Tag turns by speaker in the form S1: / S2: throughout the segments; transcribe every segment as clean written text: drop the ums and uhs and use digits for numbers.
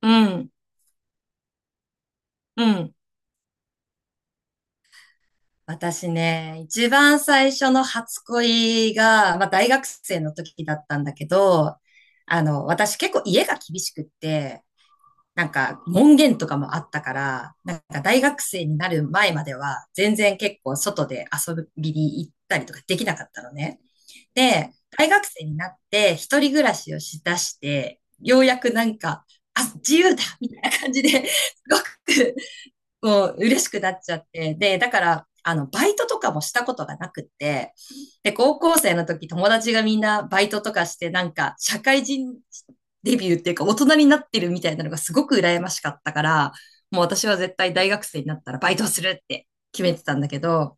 S1: うん、うん、私ね、一番最初の初恋が、まあ大学生の時だったんだけど、私結構家が厳しくって、なんか門限とかもあったから、なんか大学生になる前までは全然結構外で遊びに行ったりとかできなかったのね。で、大学生になって一人暮らしをしだして、ようやくなんか、あ、自由だみたいな感じで、すごくこう、嬉しくなっちゃって。で、だから、バイトとかもしたことがなくって、で、高校生の時友達がみんなバイトとかして、なんか、社会人デビューっていうか、大人になってるみたいなのがすごく羨ましかったから、もう私は絶対大学生になったらバイトするって決めてたんだけど、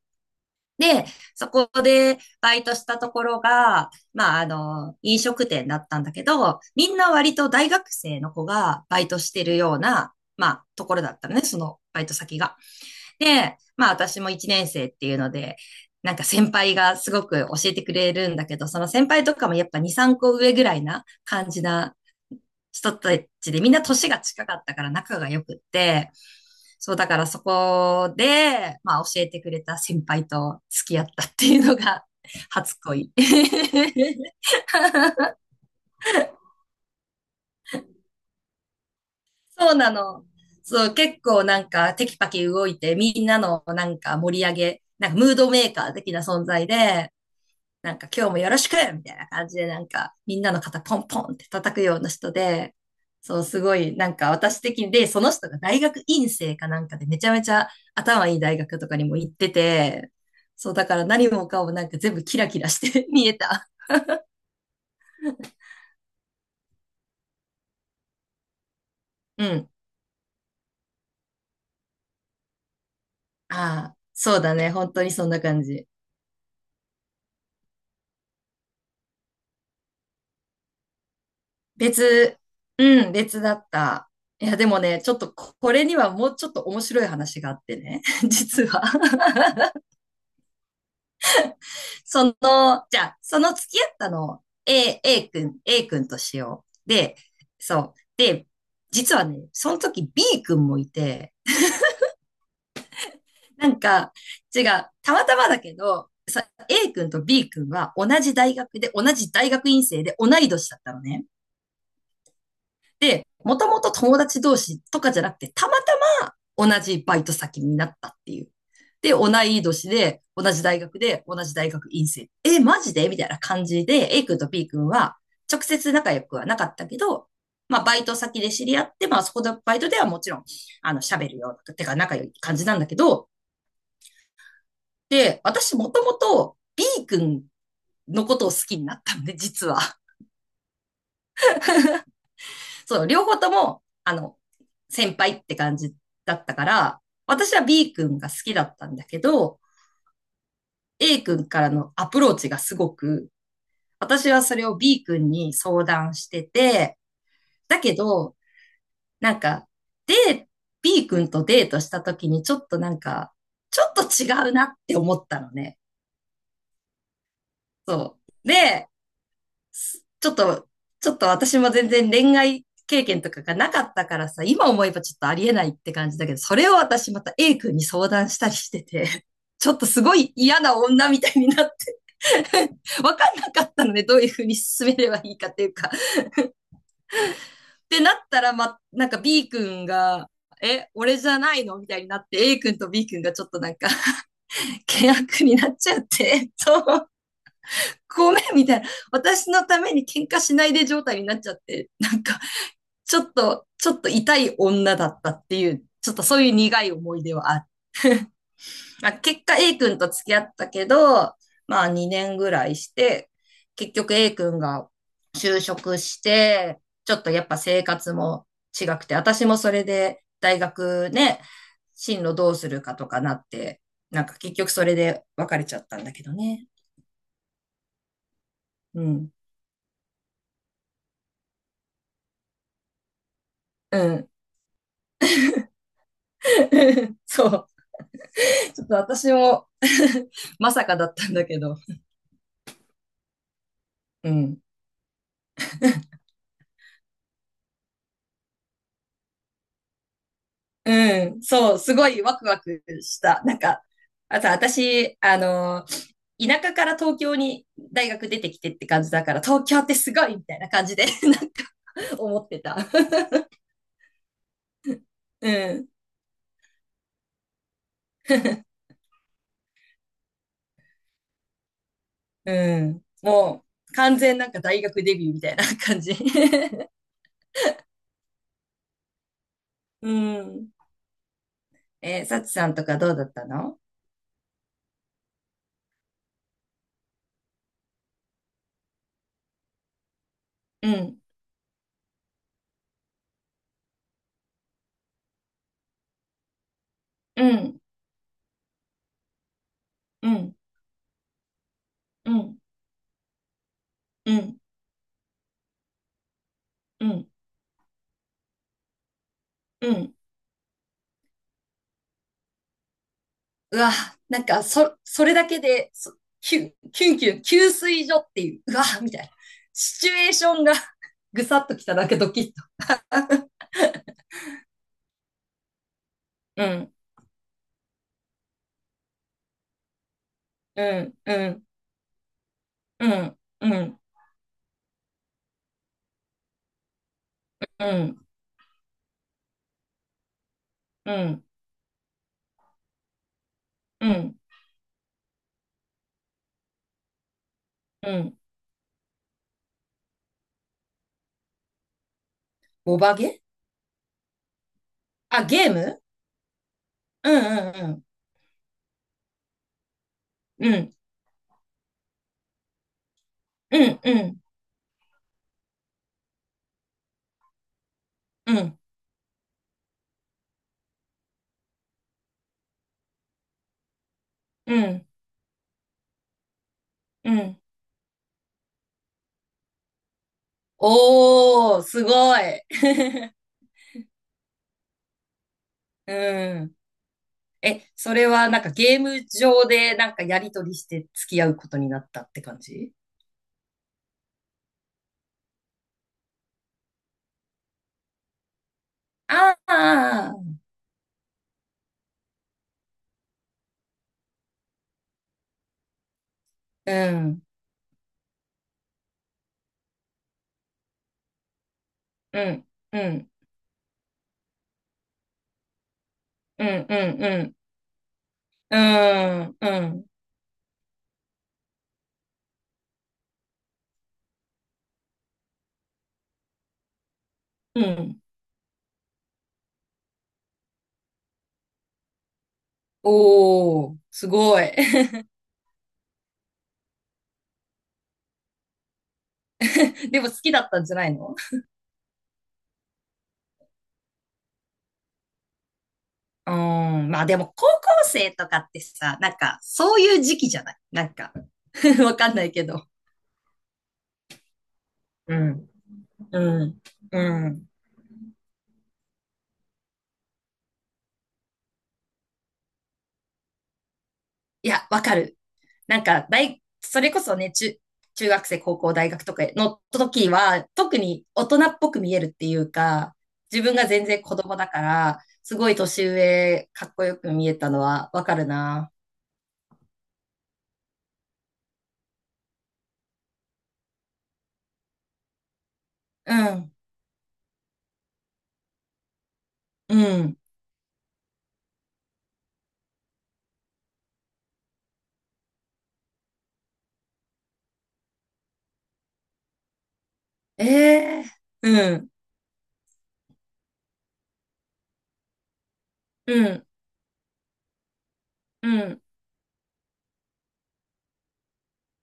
S1: で、そこでバイトしたところが、まあ、飲食店だったんだけど、みんな割と大学生の子がバイトしてるような、まあ、ところだったのね、そのバイト先が。で、まあ私も一年生っていうので、なんか先輩がすごく教えてくれるんだけど、その先輩とかもやっぱ2、3個上ぐらいな感じな人たちで、みんな年が近かったから仲が良くって、そうだからそこで、まあ教えてくれた先輩と付き合ったっていうのが初恋。そうなの。そう、結構なんかテキパキ動いて、みんなのなんか盛り上げ、なんかムードメーカー的な存在で、なんか今日もよろしくみたいな感じで、なんかみんなの肩ポンポンって叩くような人で、そう、すごい、なんか私的に、で、その人が大学院生かなんかでめちゃめちゃ頭いい大学とかにも行ってて、そう、だから何もかもなんか全部キラキラして 見えた。うん。ああ、そうだね。本当にそんな感じ。別、うん、別だった。いや、でもね、ちょっとこれにはもうちょっと面白い話があってね、実は。その、じゃあ、その付き合ったのを A 君としよう。で、そう。で、実はね、その時 B 君もいて、なんか、違う、たまたまだけど、さ A 君と B 君は同じ大学で、同じ大学院生で同い年だったのね。で、もともと友達同士とかじゃなくて、たまたま同じバイト先になったっていう。で、同い年で、同じ大学で、同じ大学院生。え、マジでみたいな感じで、A 君と B 君は、直接仲良くはなかったけど、まあ、バイト先で知り合って、まあ、そこのバイトではもちろん、喋るような、てか仲良い感じなんだけど、で、私もともと B 君のことを好きになったんで、実は。そう、両方とも、先輩って感じだったから、私は B 君が好きだったんだけど、A 君からのアプローチがすごく、私はそれを B 君に相談してて、だけど、なんか、で、B 君とデートした時にちょっとなんか、ちょっと違うなって思ったのね。そう。で、ちょっと、ちょっと私も全然恋愛経験とかがなかったからさ、今思えばちょっとありえないって感じだけど、それを私また A 君に相談したりしてて、ちょっとすごい嫌な女みたいになって、わかんなかったので、どういうふうに進めればいいかっていうか。ってなったら、ま、なんか B 君が、え、俺じゃないのみたいになって、A 君と B 君がちょっとなんか、険悪になっちゃって、ごめんみたいな、私のために喧嘩しないで状態になっちゃって、なんか、ちょっと痛い女だったっていう、ちょっとそういう苦い思い出はある。まあ、結果 A 君と付き合ったけど、まあ2年ぐらいして、結局 A 君が就職して、ちょっとやっぱ生活も違くて、私もそれで大学ね、進路どうするかとかなって、なんか結局それで別れちゃったんだけどね。うん。うん。そう。ちょっと私も まさかだったんだけど。うん。うん、そう、すごいワクワクした。なんか、あと私、田舎から東京に大学出てきてって感じだから、東京ってすごいみたいな感じで なんか 思ってた。うん。うん。もう、完全なんか大学デビューみたいな感じ。うん。サチさんとかどうだったの？うん。うん。うん。うん。うん。うん。うん。うわ、なんか、それだけで、キュン、キュンキュン、給水所っていう、うわ、みたいな。シチュエーションが ぐさっときただけドキッと。うん、うん、うん、うん、うん、うん、うん、うん、うん。ボバゲあ、ゲームうん、うん、うん、うん、うん、うん、うん、うん。おー、すごい。うん。え、それはなんかゲーム上でなんかやりとりして付き合うことになったって感じ？ああ、うん、うん、うん、うん、うん、うん、うん、うん、うん。おー、すごい。でも好きだったんじゃないの？うーん、まあでも高校生とかってさ、なんかそういう時期じゃないなんか、わかんないけど。うん、うん、うん。いや、わかる。なんかそれこそね、中学生、高校、大学とかの時は、特に大人っぽく見えるっていうか、自分が全然子供だから、すごい年上、かっこよく見えたのはわかるな。うん、うん。ええうん、うん、うん、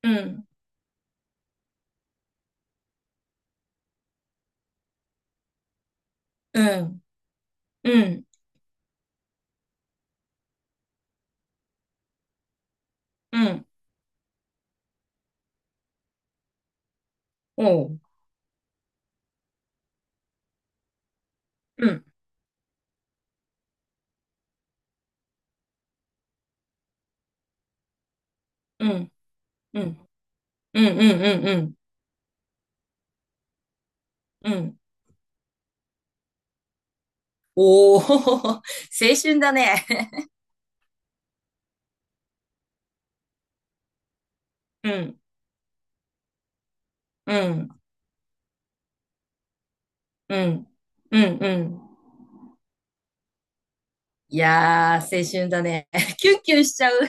S1: うん、うん、うん、うん、おう、うん、うん、うん、うん、うん、うん、うん、うん。おお、青春だね。うん、うん、うん、うん、うん。いやー、青春だね。キュンキュンしちゃう